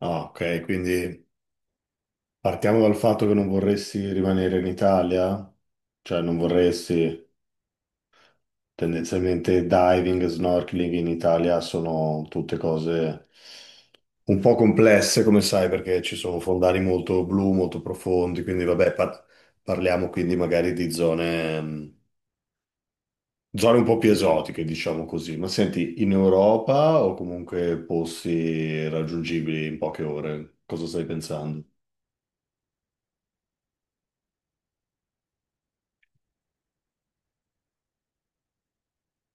Ah, ok, quindi partiamo dal fatto che non vorresti rimanere in Italia, cioè non vorresti. Tendenzialmente diving e snorkeling in Italia sono tutte cose un po' complesse, come sai, perché ci sono fondali molto blu, molto profondi, quindi vabbè, parliamo quindi magari di zone, zone un po' più esotiche, diciamo così. Ma senti, in Europa o comunque posti raggiungibili in poche ore, cosa stai pensando?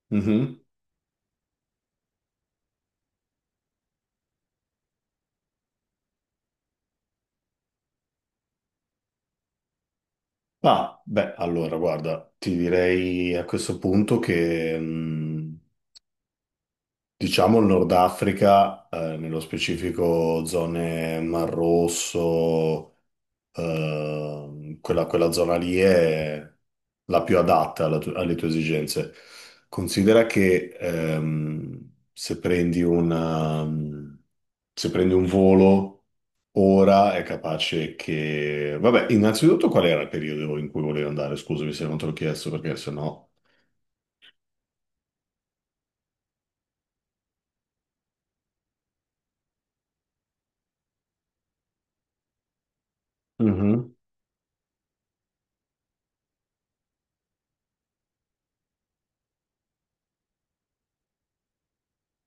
Mhm. Ah, beh, allora guarda, ti direi a questo punto che diciamo il Nord Africa, nello specifico zone Mar Rosso, quella zona lì è la più adatta alle tue esigenze. Considera che se prendi un volo ora è capace che... Vabbè, innanzitutto qual era il periodo in cui volevi andare? Scusami se non te l'ho chiesto perché sennò... Mhm.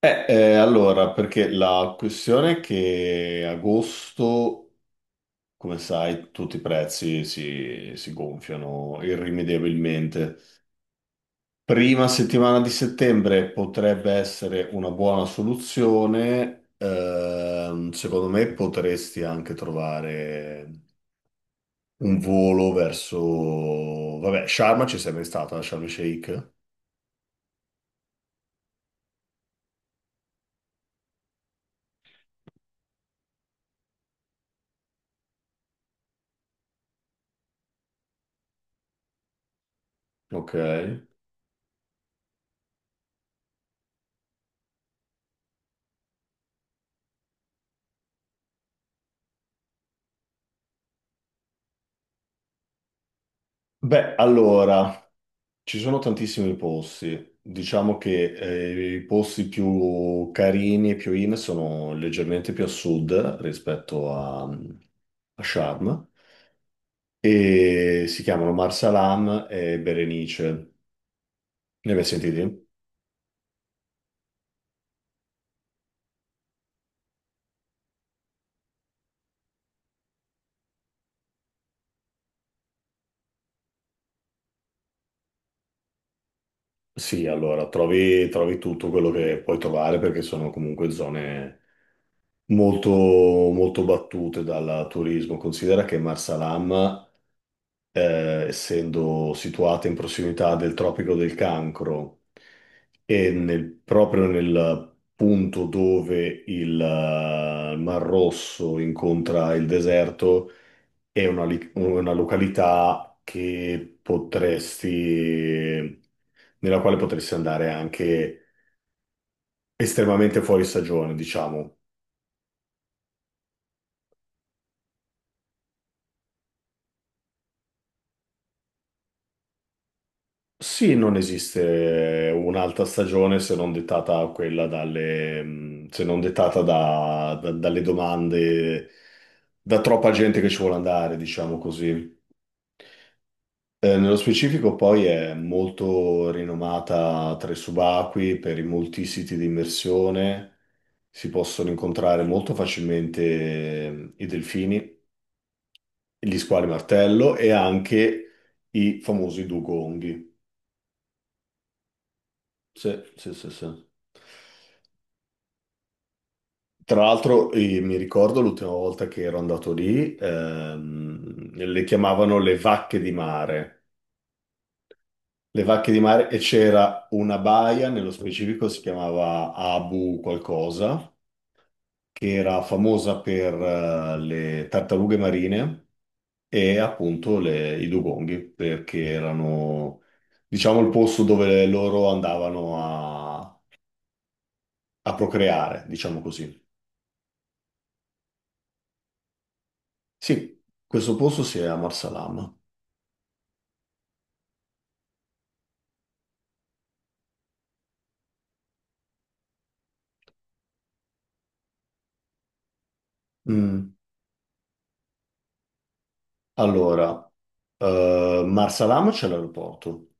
Allora, perché la questione è che agosto, come sai, tutti i prezzi si gonfiano irrimediabilmente. Prima settimana di settembre potrebbe essere una buona soluzione. Secondo me potresti anche trovare un volo verso... Vabbè, Sharma ci sei mai stata, Sharm el Sheikh? Ok. Beh, allora... Ci sono tantissimi posti, diciamo che i posti più carini e più in sono leggermente più a sud rispetto a Sharm e si chiamano Marsalam e Berenice. Ne hai mai sentiti? Sì, allora trovi tutto quello che puoi trovare perché sono comunque zone molto, molto battute dal turismo. Considera che Marsalam, essendo situata in prossimità del Tropico del Cancro e proprio nel punto dove il Mar Rosso incontra il deserto, è una località che potresti, nella quale potresti andare anche estremamente fuori stagione, diciamo. Sì, non esiste un'altra stagione se non dettata quella dalle, se non dettata dalle domande, da troppa gente che ci vuole andare, diciamo così. Nello specifico poi è molto rinomata tra i subacquei per i molti siti di immersione, si possono incontrare molto facilmente i delfini, gli squali martello e anche i famosi dugonghi. Sì, sì, sì, sì. Tra l'altro, mi ricordo l'ultima volta che ero andato lì, le chiamavano le vacche di mare. Le vacche di mare, e c'era una baia, nello specifico si chiamava Abu qualcosa, che era famosa per, le tartarughe marine e appunto i dugonghi, perché erano, diciamo, il posto dove loro andavano a, a procreare, diciamo così. Sì, questo posto si è a Marsalam. Allora, Marsalam c'è l'aeroporto,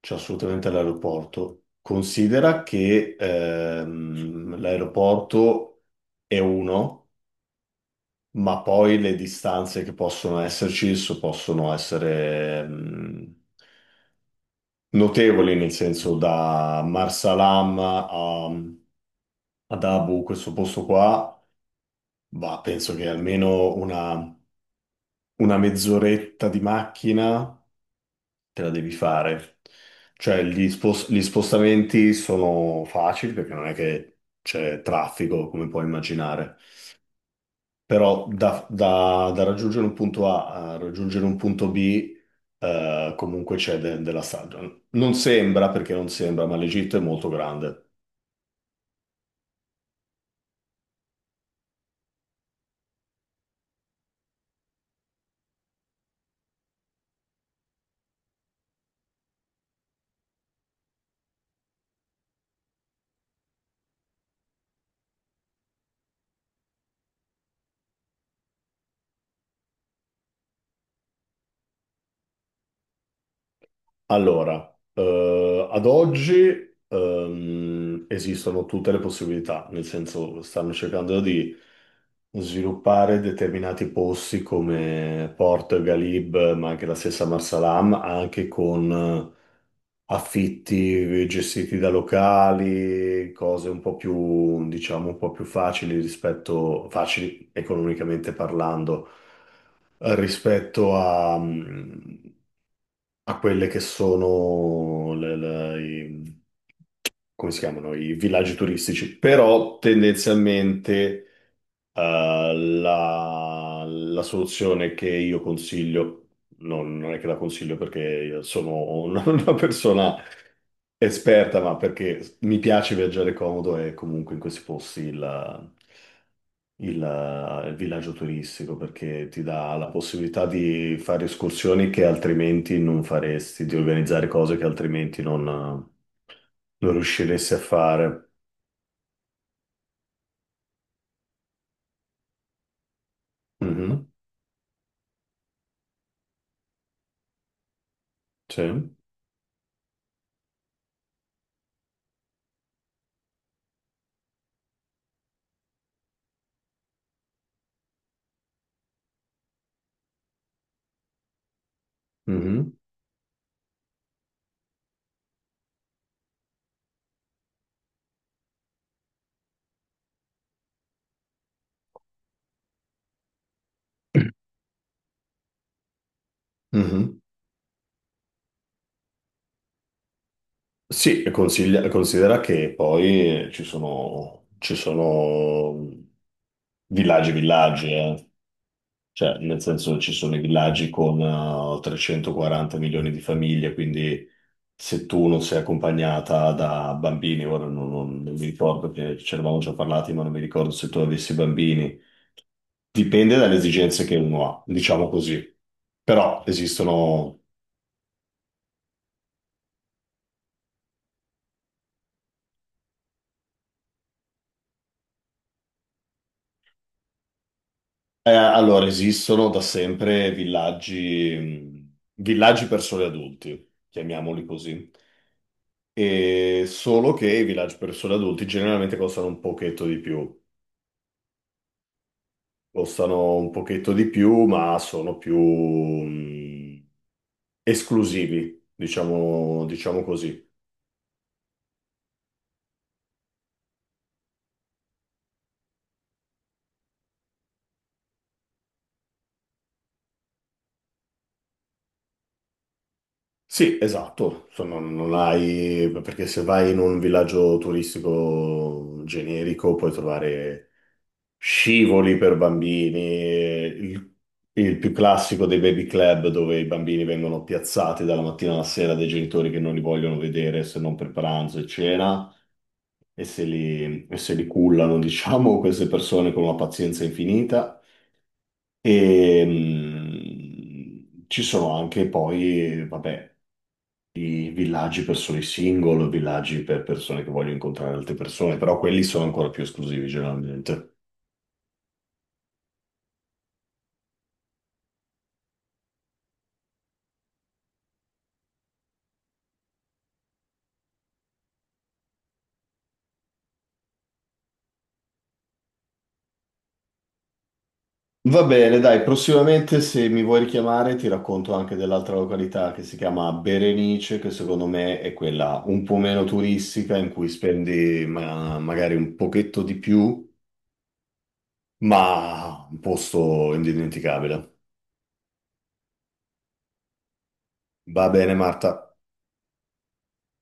c'è assolutamente l'aeroporto. Considera che l'aeroporto è uno, ma poi le distanze che possono esserci possono essere notevoli, nel senso da Marsalam ad Abu, questo posto qua, bah, penso che almeno una mezz'oretta di macchina te la devi fare. Cioè, gli spostamenti sono facili perché non è che c'è traffico, come puoi immaginare. Però da raggiungere un punto A a raggiungere un punto B, comunque c'è della strada. Non sembra, perché non sembra, ma l'Egitto è molto grande. Allora, ad oggi esistono tutte le possibilità, nel senso stanno cercando di sviluppare determinati posti come Porto e Galib, ma anche la stessa Marsalam, anche con affitti gestiti da locali, cose un po' più, diciamo, un po' più facili rispetto, facili economicamente parlando, rispetto a, a quelle che sono i, come si chiamano, i villaggi turistici, però tendenzialmente la soluzione che io consiglio, non è che la consiglio perché io sono una, una persona esperta, ma perché mi piace viaggiare comodo e comunque in questi posti il villaggio turistico perché ti dà la possibilità di fare escursioni che altrimenti non faresti, di organizzare cose che altrimenti non riusciresti a fare. Mhm. Sì. Mhm, mhm. Sì, e considera che poi ci sono villaggi, eh. Cioè, nel senso ci sono i villaggi con 340 milioni di famiglie, quindi se tu non sei accompagnata da bambini, ora non mi ricordo, perché ce ne avevamo già parlati, ma non mi ricordo se tu avessi bambini. Dipende dalle esigenze che uno ha, diciamo così. Però esistono, allora, esistono da sempre villaggi, villaggi per soli adulti, chiamiamoli così. E solo che i villaggi per soli adulti generalmente costano un pochetto di più. Costano un pochetto di più, ma sono più esclusivi, diciamo, diciamo così. Sì, esatto. Insomma, non hai, perché se vai in un villaggio turistico generico puoi trovare scivoli per bambini, il, il più classico dei baby club dove i bambini vengono piazzati dalla mattina alla sera dai genitori che non li vogliono vedere se non per pranzo e cena, e se li cullano, diciamo, queste persone con una pazienza infinita. E ci sono anche poi, vabbè, i villaggi per soli single, villaggi per persone che vogliono incontrare altre persone, però quelli sono ancora più esclusivi generalmente. Va bene, dai, prossimamente se mi vuoi richiamare ti racconto anche dell'altra località che si chiama Berenice, che secondo me è quella un po' meno turistica, in cui spendi magari un pochetto di più ma un posto indimenticabile. Va bene, Marta.